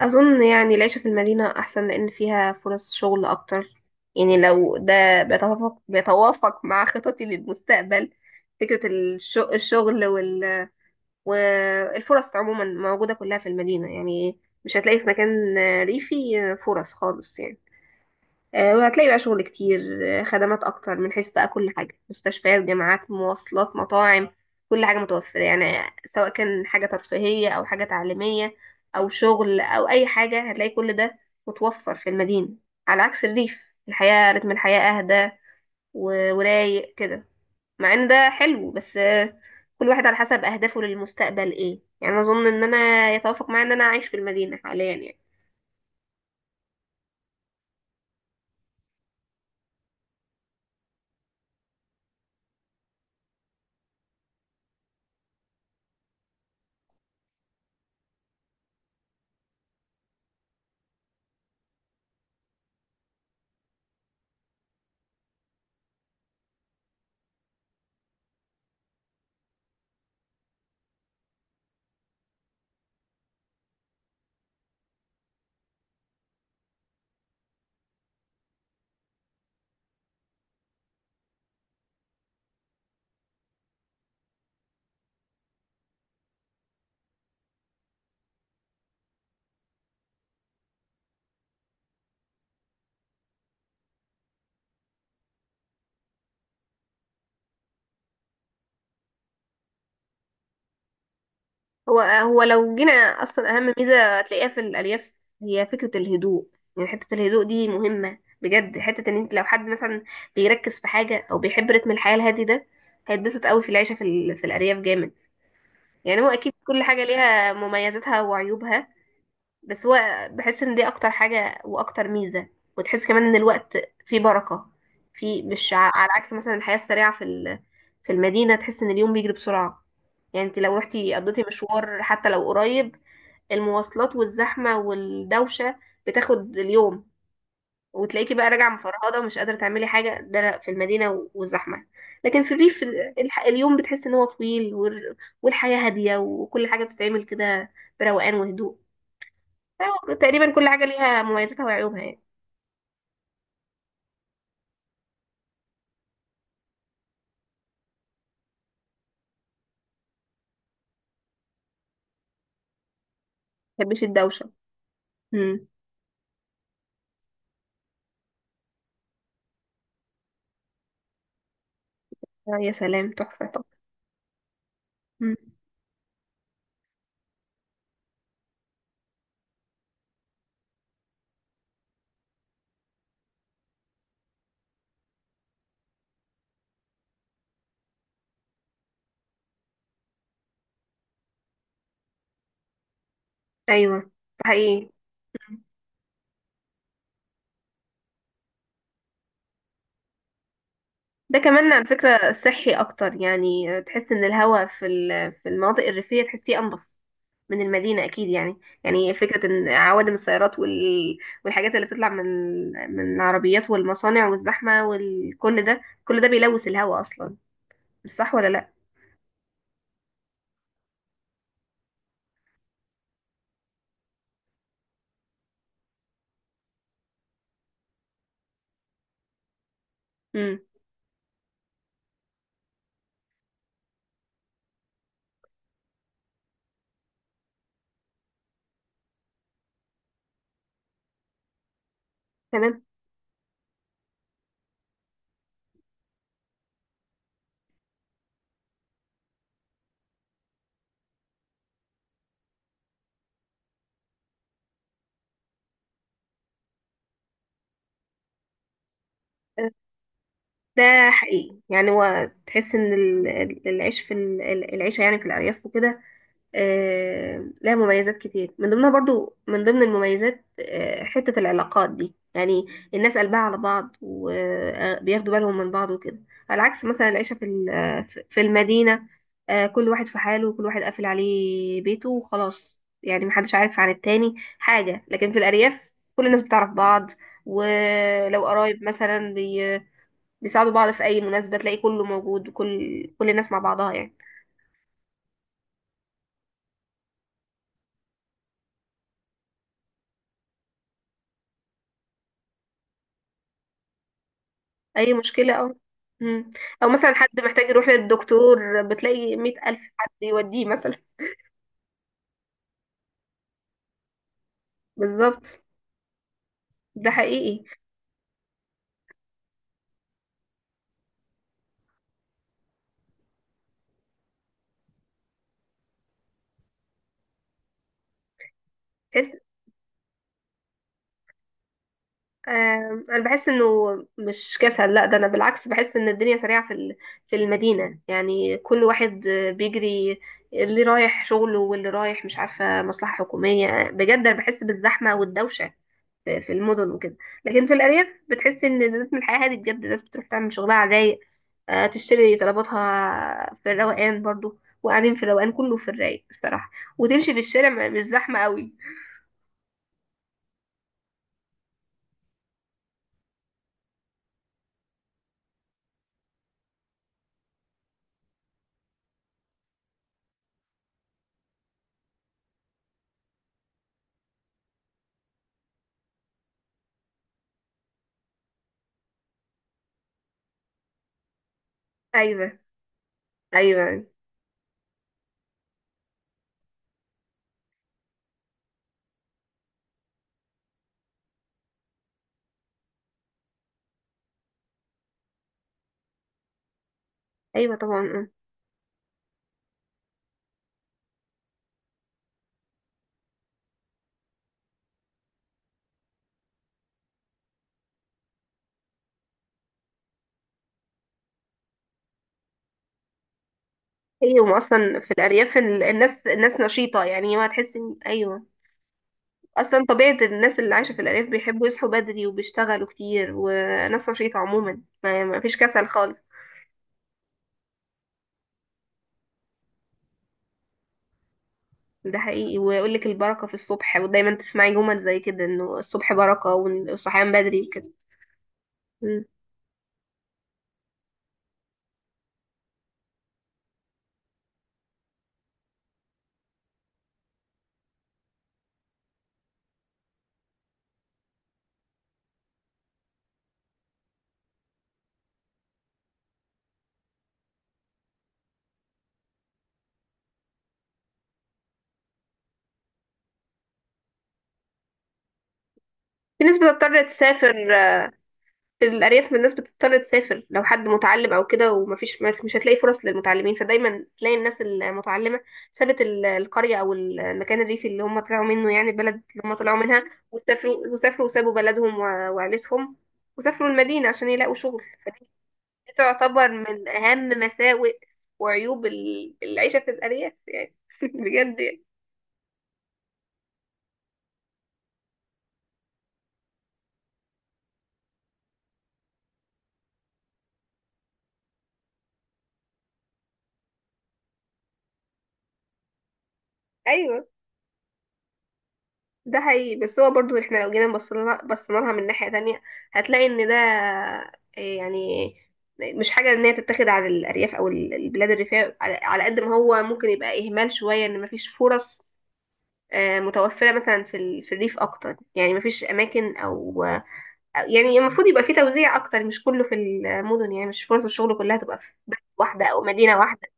أظن يعني العيشة في المدينة أحسن لأن فيها فرص شغل أكتر. يعني لو ده بيتوافق مع خططي للمستقبل، فكرة الشغل والفرص عموما موجودة كلها في المدينة. يعني مش هتلاقي في مكان ريفي فرص خالص يعني. وهتلاقي بقى شغل كتير، خدمات اكتر، من حيث بقى كل حاجه: مستشفيات، جامعات، مواصلات، مطاعم. كل حاجه متوفره يعني، سواء كان حاجه ترفيهيه او حاجه تعليميه او شغل او اي حاجه، هتلاقي كل ده متوفر في المدينه. على عكس الريف، الحياه رتم الحياه اهدى ورايق كده. مع ان ده حلو بس، كل واحد على حسب اهدافه للمستقبل ايه يعني. اظن ان انا يتوافق معايا ان انا اعيش في المدينه حاليا يعني. هو لو جينا اصلا، اهم ميزه هتلاقيها في الالياف هي فكره الهدوء. يعني حته الهدوء دي مهمه بجد، حته ان انت لو حد مثلا بيركز في حاجه او بيحب رتم الحياه الهادي ده، هيتبسط قوي في العيشه في الارياف جامد. يعني هو اكيد كل حاجه ليها مميزاتها وعيوبها، بس هو بحس ان دي اكتر حاجة واكتر ميزة. وتحس كمان ان الوقت فيه بركة، في مش على عكس مثلا الحياة السريعة في المدينة. تحس ان اليوم بيجري بسرعة. يعني انت لو رحتي قضيتي مشوار حتى لو قريب، المواصلات والزحمة والدوشة بتاخد اليوم، وتلاقيكي بقى راجعة مفرهدة ومش قادرة تعملي حاجة. ده لا، في المدينة والزحمة. لكن في الريف اليوم بتحس ان هو طويل والحياة هادية وكل حاجة بتتعمل كده بروقان وهدوء. أيوة، تقريبا كل حاجة ليها مميزاتها وعيوبها يعني. ما بحبش الدوشة. امم يا سلام، تحفة تحفة. مم. أيوة، ده حقيقي. مم. ده كمان على فكرة صحي أكتر يعني. تحس إن الهواء في المناطق الريفية تحسيه أنظف من المدينة أكيد يعني. يعني فكرة إن عوادم السيارات والحاجات اللي بتطلع من العربيات والمصانع والزحمة وكل ده، كل ده بيلوث الهواء أصلا. مش صح ولا لأ؟ مم. تمام. ده حقيقي يعني، هو تحس ان العيش العيشه يعني في الارياف وكده لها مميزات كتير. من ضمنها، برضو من ضمن المميزات، حته العلاقات دي يعني. الناس قلبها على بعض، وبياخدوا بالهم من بعض وكده، على عكس مثلا العيشه في المدينه. كل واحد في حاله، وكل واحد قافل عليه بيته وخلاص يعني. محدش عارف عن التاني حاجه، لكن في الارياف كل الناس بتعرف بعض. ولو قرايب مثلا، بيساعدوا بعض في اي مناسبه، تلاقي كله موجود وكل الناس مع بعضها يعني. اي مشكله او... مم. او مثلا حد محتاج يروح للدكتور، بتلاقي مئة الف حد يوديه مثلا. بالظبط. ده حقيقي. تحس. انا بحس انه مش كسل. لا ده انا بالعكس بحس ان الدنيا سريعه في المدينه. يعني كل واحد بيجري، اللي رايح شغله واللي رايح مش عارفه مصلحه حكوميه بجد. انا بحس بالزحمه والدوشه في المدن وكده. لكن في الأرياف بتحس إن رتم الحياة هادي بجد، الناس بتروح تعمل شغلها على الرايق. تشتري طلباتها في الروقان، برضو وقاعدين في الروقان، كله في الرايق بصراحة. وتمشي في الشارع مش زحمة قوي. أيوة. أيوة. أيوة، طبعا آه. أيوة أصلا في الأرياف، الناس نشيطة يعني. ما تحس إن... أيوة. أصلا طبيعة الناس اللي عايشة في الأرياف بيحبوا يصحوا بدري وبيشتغلوا كتير، وناس نشيطة عموما. ما فيش كسل خالص. ده حقيقي. ويقول لك البركة في الصبح، ودايما تسمعي جمل زي كده، انه الصبح بركة والصحيان بدري وكده. مم. في ناس بتضطر تسافر. في الأرياف من الناس بتضطر تسافر. لو حد متعلم أو كده ومفيش، مش هتلاقي فرص للمتعلمين، فدايما تلاقي الناس المتعلمة سابت القرية أو المكان الريفي اللي هم طلعوا منه، يعني البلد اللي هم طلعوا منها. وسافروا وسابوا بلدهم وعيلتهم، وسافروا المدينة عشان يلاقوا شغل. تعتبر من أهم مساوئ وعيوب العيشة في الأرياف يعني. بجد يعني. أيوه، ده حقيقي. بس هو برضو احنا لو جينا بصينا لها من ناحية تانية، هتلاقي ان ده إيه يعني. مش حاجة ان هي تتاخد على الأرياف أو البلاد الريفية، على على قد ما هو ممكن يبقى إهمال شوية ان مفيش فرص متوفرة مثلا في الريف أكتر. يعني مفيش أماكن، يعني المفروض يبقى في توزيع أكتر، مش كله في المدن. يعني مش فرص الشغل كلها تبقى في واحدة أو مدينة واحدة.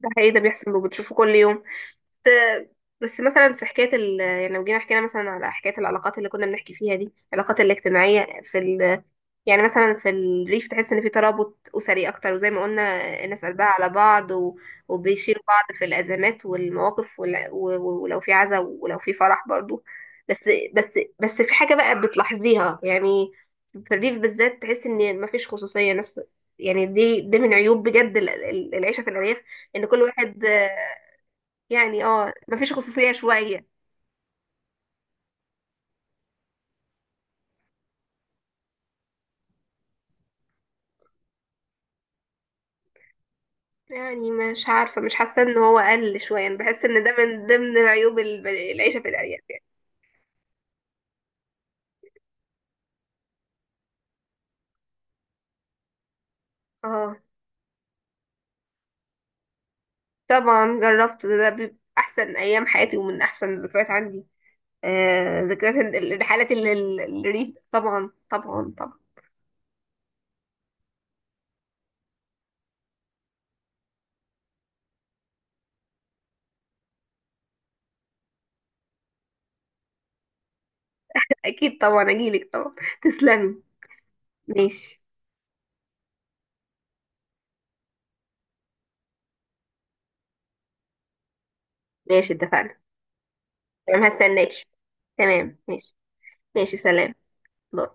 ده حقيقي، ده بيحصل وبتشوفه كل يوم. بس مثلا في حكايه يعني لو جينا حكينا مثلا على حكايه العلاقات اللي كنا بنحكي فيها دي، العلاقات الاجتماعيه في يعني مثلا في الريف تحس ان في ترابط اسري اكتر، وزي ما قلنا الناس قلبها على بعض وبيشيلوا بعض في الازمات والمواقف ولو في عزا ولو في فرح برضو. بس. بس في حاجه بقى بتلاحظيها يعني. في الريف بالذات تحس ان مفيش خصوصيه ناس. يعني دي من عيوب بجد العيشه في الارياف، ان كل واحد... يعني مفيش خصوصية شوية. يعني مش عارفة، مش حاسة ان هو قل شوية. انا بحس ان ده من ضمن عيوب العيشة في الأرياف يعني. اه، طبعا جربت. ده بيبقى احسن ايام حياتي ومن احسن الذكريات عندي. ذكريات الرحلات الريف. طبعا طبعا طبعا. اكيد، طبعا اجيلك طبعا. تسلمي. ماشي. ماشي اتفقنا. تمام، هستناكي. تمام ماشي. ماشي سلام. باي.